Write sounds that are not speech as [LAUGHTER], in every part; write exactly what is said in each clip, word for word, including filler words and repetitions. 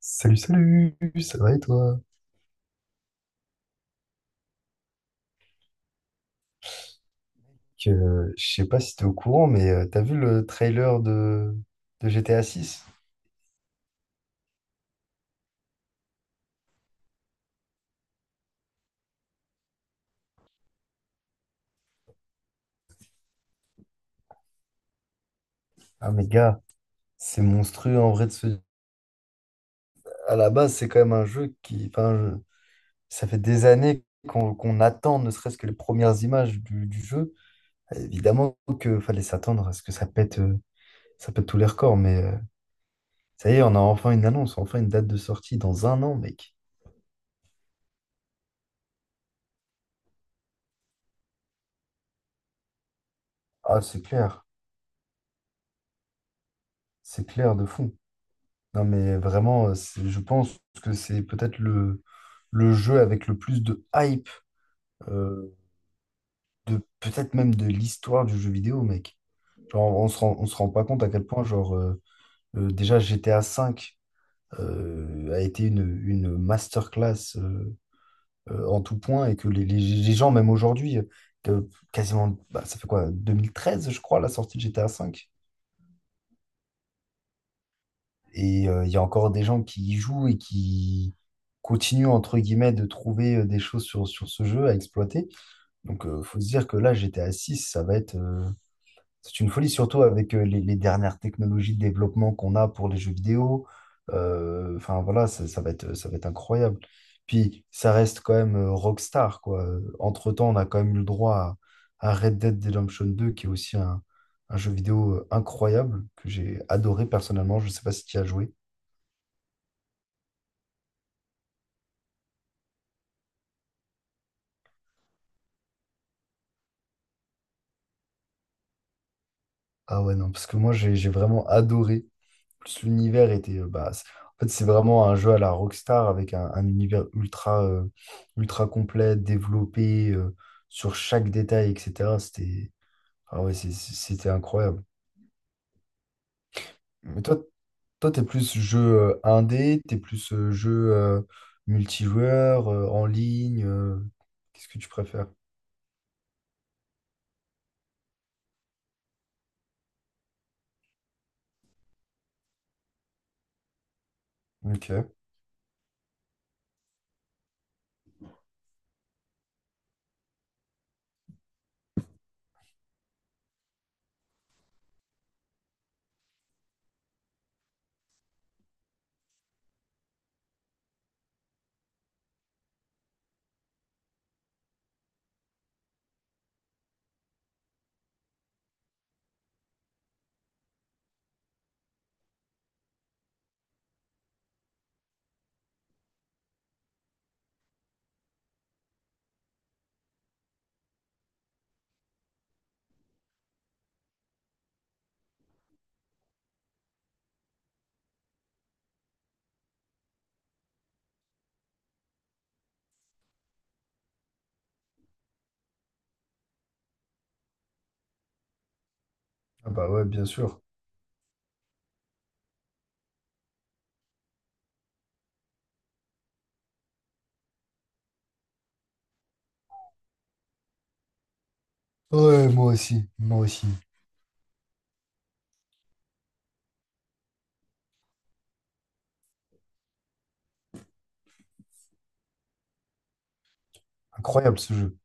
Salut, salut, ça va et toi? Que, euh, je sais pas si t'es au courant, mais euh, t'as vu le trailer de, de G T A six. Ah mais gars, c'est monstrueux en vrai de se. À la base, c'est quand même un jeu qui. Enfin, je- ça fait des années qu'on qu'on attend ne serait-ce que les premières images du, du jeu. Évidemment qu'il fallait s'attendre à ce que ça pète, euh, ça pète tous les records, mais euh, ça y est, on a enfin une annonce, enfin une date de sortie dans un an, mec. Ah, c'est clair, c'est clair de fond. Non, mais vraiment, euh, c'est- je pense que c'est peut-être le, le jeu avec le plus de hype, euh, de peut-être même de l'histoire du jeu vidéo, mec. Genre, on se rend, on se rend pas compte à quel point, genre, euh, euh, déjà G T A V euh, a été une, une masterclass euh, euh, en tout point, et que les, les- les gens, même aujourd'hui, euh, que quasiment, bah, ça fait quoi, deux mille treize je crois, la sortie de G T A V? Et euh, il y a encore des gens qui y jouent et qui continuent, entre guillemets, de trouver euh, des choses sur, sur ce jeu à exploiter. Donc, il faut se dire que là, G T A six, ça va être. Euh, c'est une folie, surtout avec euh, les, les dernières technologies de développement qu'on a pour les jeux vidéo. Euh, Enfin, voilà, ça, ça va être, ça va être incroyable. Puis, ça reste quand même euh, Rockstar, quoi. Euh, Entre-temps, on a quand même eu le droit à, à Red Dead Redemption deux, qui est aussi un, un jeu vidéo euh, incroyable que j'ai adoré personnellement. Je ne sais pas si tu y as joué. Ah ouais, non, parce que moi j'ai j'ai vraiment adoré. En Plus l'univers était. Euh, bah, c'est- en fait, c'est vraiment un jeu à la Rockstar avec un, un univers ultra, euh, ultra complet, développé euh, sur chaque détail, et cetera. C'était, ah ouais, c'est- c'est- c'était incroyable. Mais toi, toi, t'es plus jeu euh, indé, t'es plus euh, jeu euh, multijoueur, euh, en ligne. Euh, qu'est-ce que tu préfères? Ok. Ah bah ouais, bien sûr. Ouais, moi aussi, moi aussi. Incroyable ce jeu.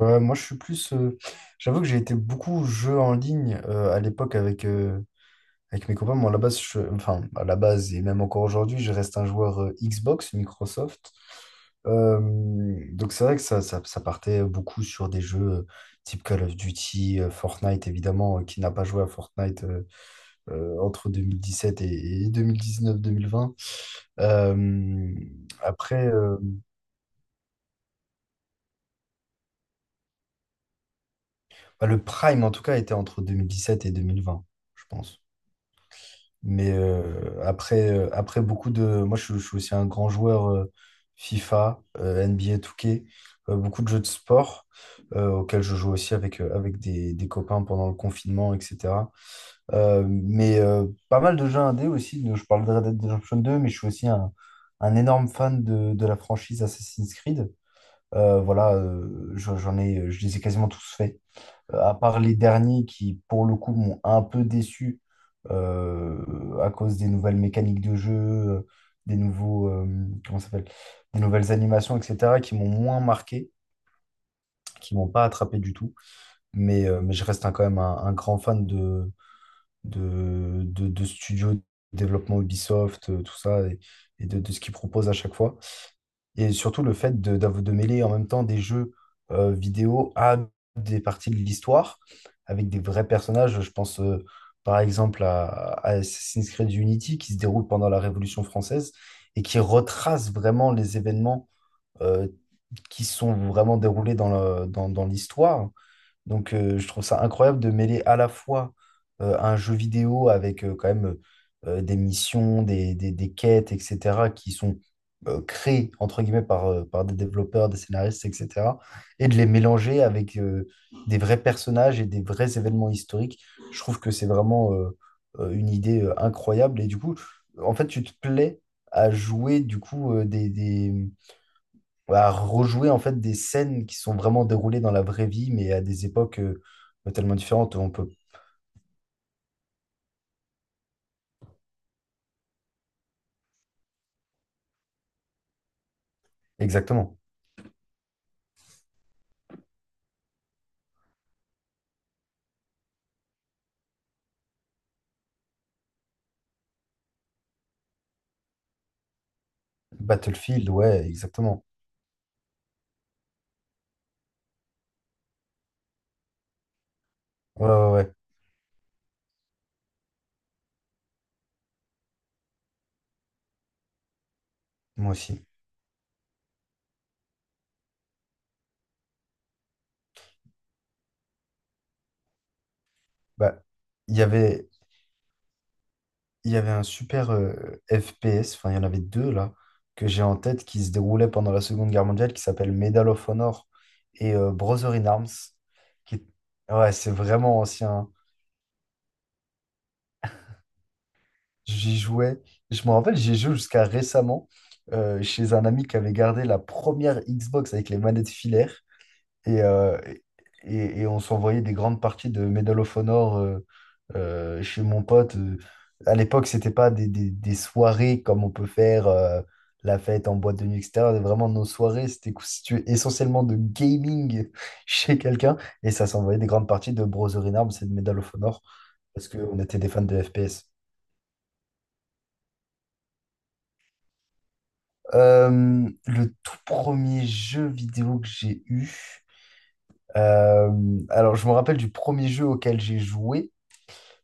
Euh, moi, je suis plus. Euh, j'avoue que j'ai été beaucoup jeux en ligne euh, à l'époque avec, euh, avec mes copains. Moi, à la base, je- enfin, à la base, et même encore aujourd'hui, je reste un joueur euh, Xbox, Microsoft. Euh, donc, c'est vrai que ça, ça, ça partait beaucoup sur des jeux euh, type Call of Duty, euh, Fortnite, évidemment. Euh, qui n'a pas joué à Fortnite euh, euh, entre sept et, deux mille dix-neuf-deux mille vingt. après, euh, bah, le Prime, en tout cas, était entre deux mille dix sept et deux mille vingt, je pense. Mais euh, après, euh, après beaucoup de. Moi, je, je suis aussi un grand joueur euh, FIFA, euh, N B A deux K, euh, beaucoup de jeux de sport euh, auxquels je joue aussi avec, euh, avec des, des copains pendant le confinement, et cetera. Euh, mais euh, pas mal de jeux indés aussi. de- Je parle de Red Dead Redemption deux, mais je suis aussi un, un énorme fan de, de la franchise Assassin's Creed. Euh, voilà, euh, je- j'en ai, je les ai quasiment tous faits. Euh, à part les derniers qui, pour le coup, m'ont un peu déçu euh, à cause des nouvelles mécaniques de jeu, euh, des nouveaux, euh, comment ça s'appelle, des nouvelles animations, et cetera, qui m'ont moins marqué, qui m'ont pas attrapé du tout. Mais, euh, mais je reste un- quand même un, un grand fan de, de, de, de studios, de développement Ubisoft, euh, tout ça, et, et de, de ce qu'ils proposent à chaque fois. Et surtout le fait de, d'av- de mêler en même temps des jeux euh, vidéo à des parties de l'histoire avec des vrais personnages. Je pense euh, par exemple à, à Assassin's Creed Unity, qui se déroule pendant la Révolution française et qui retrace vraiment les événements euh, qui sont vraiment déroulés dans le- dans- dans l'histoire. Donc, euh, je trouve ça incroyable de mêler à la fois euh, un jeu vidéo avec euh, quand même euh, des missions, des, des- des quêtes, et cetera, qui sont euh, créées, entre guillemets, par, euh, par des développeurs, des scénaristes, et cetera, et de les mélanger avec euh, des vrais personnages et des vrais événements historiques. Je trouve que c'est vraiment euh, euh, une idée euh, incroyable. Et du coup, en fait, tu te plais à jouer, du coup, euh, des, des- à rejouer en fait des scènes qui sont vraiment déroulées dans la vraie vie, mais à des époques euh, bah, tellement différentes. On peut. Exactement. Battlefield, ouais, exactement. Ouais, ouais, ouais, moi aussi. Bah, il y avait, il y avait un super euh, F P S, enfin, il y en avait deux là, que j'ai en tête qui se déroulait pendant la Seconde Guerre mondiale, qui s'appelle Medal of Honor et euh, Brother in Arms. Qui. Ouais, c'est vraiment ancien, hein. J'y jouais. Je me rappelle, j'y joué jusqu'à récemment euh, chez un ami qui avait gardé la première Xbox avec les manettes filaires. Et, euh, et, et on s'envoyait des grandes parties de Medal of Honor euh, euh, chez mon pote. Euh, À l'époque, c'était pas des, des- des soirées comme on peut faire euh, la fête en boîte de nuit, et cetera. Vraiment, nos soirées, c'était constitué essentiellement de gaming [LAUGHS] chez quelqu'un. Et ça s'envoyait des grandes parties de Brother in Arms et de Medal of Honor parce qu'on était des fans de F P S. Euh, le tout premier jeu vidéo que j'ai eu, euh, alors je me rappelle du premier jeu auquel j'ai joué,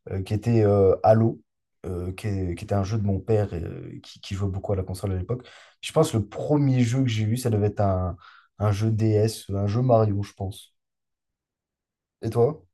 euh, qui était euh, Halo, euh, qui, est- qui était un jeu de mon père euh, qui, qui jouait beaucoup à la console à l'époque. Je pense que le premier jeu que j'ai eu, ça devait être un, un jeu D S, un jeu Mario, je pense. Et toi?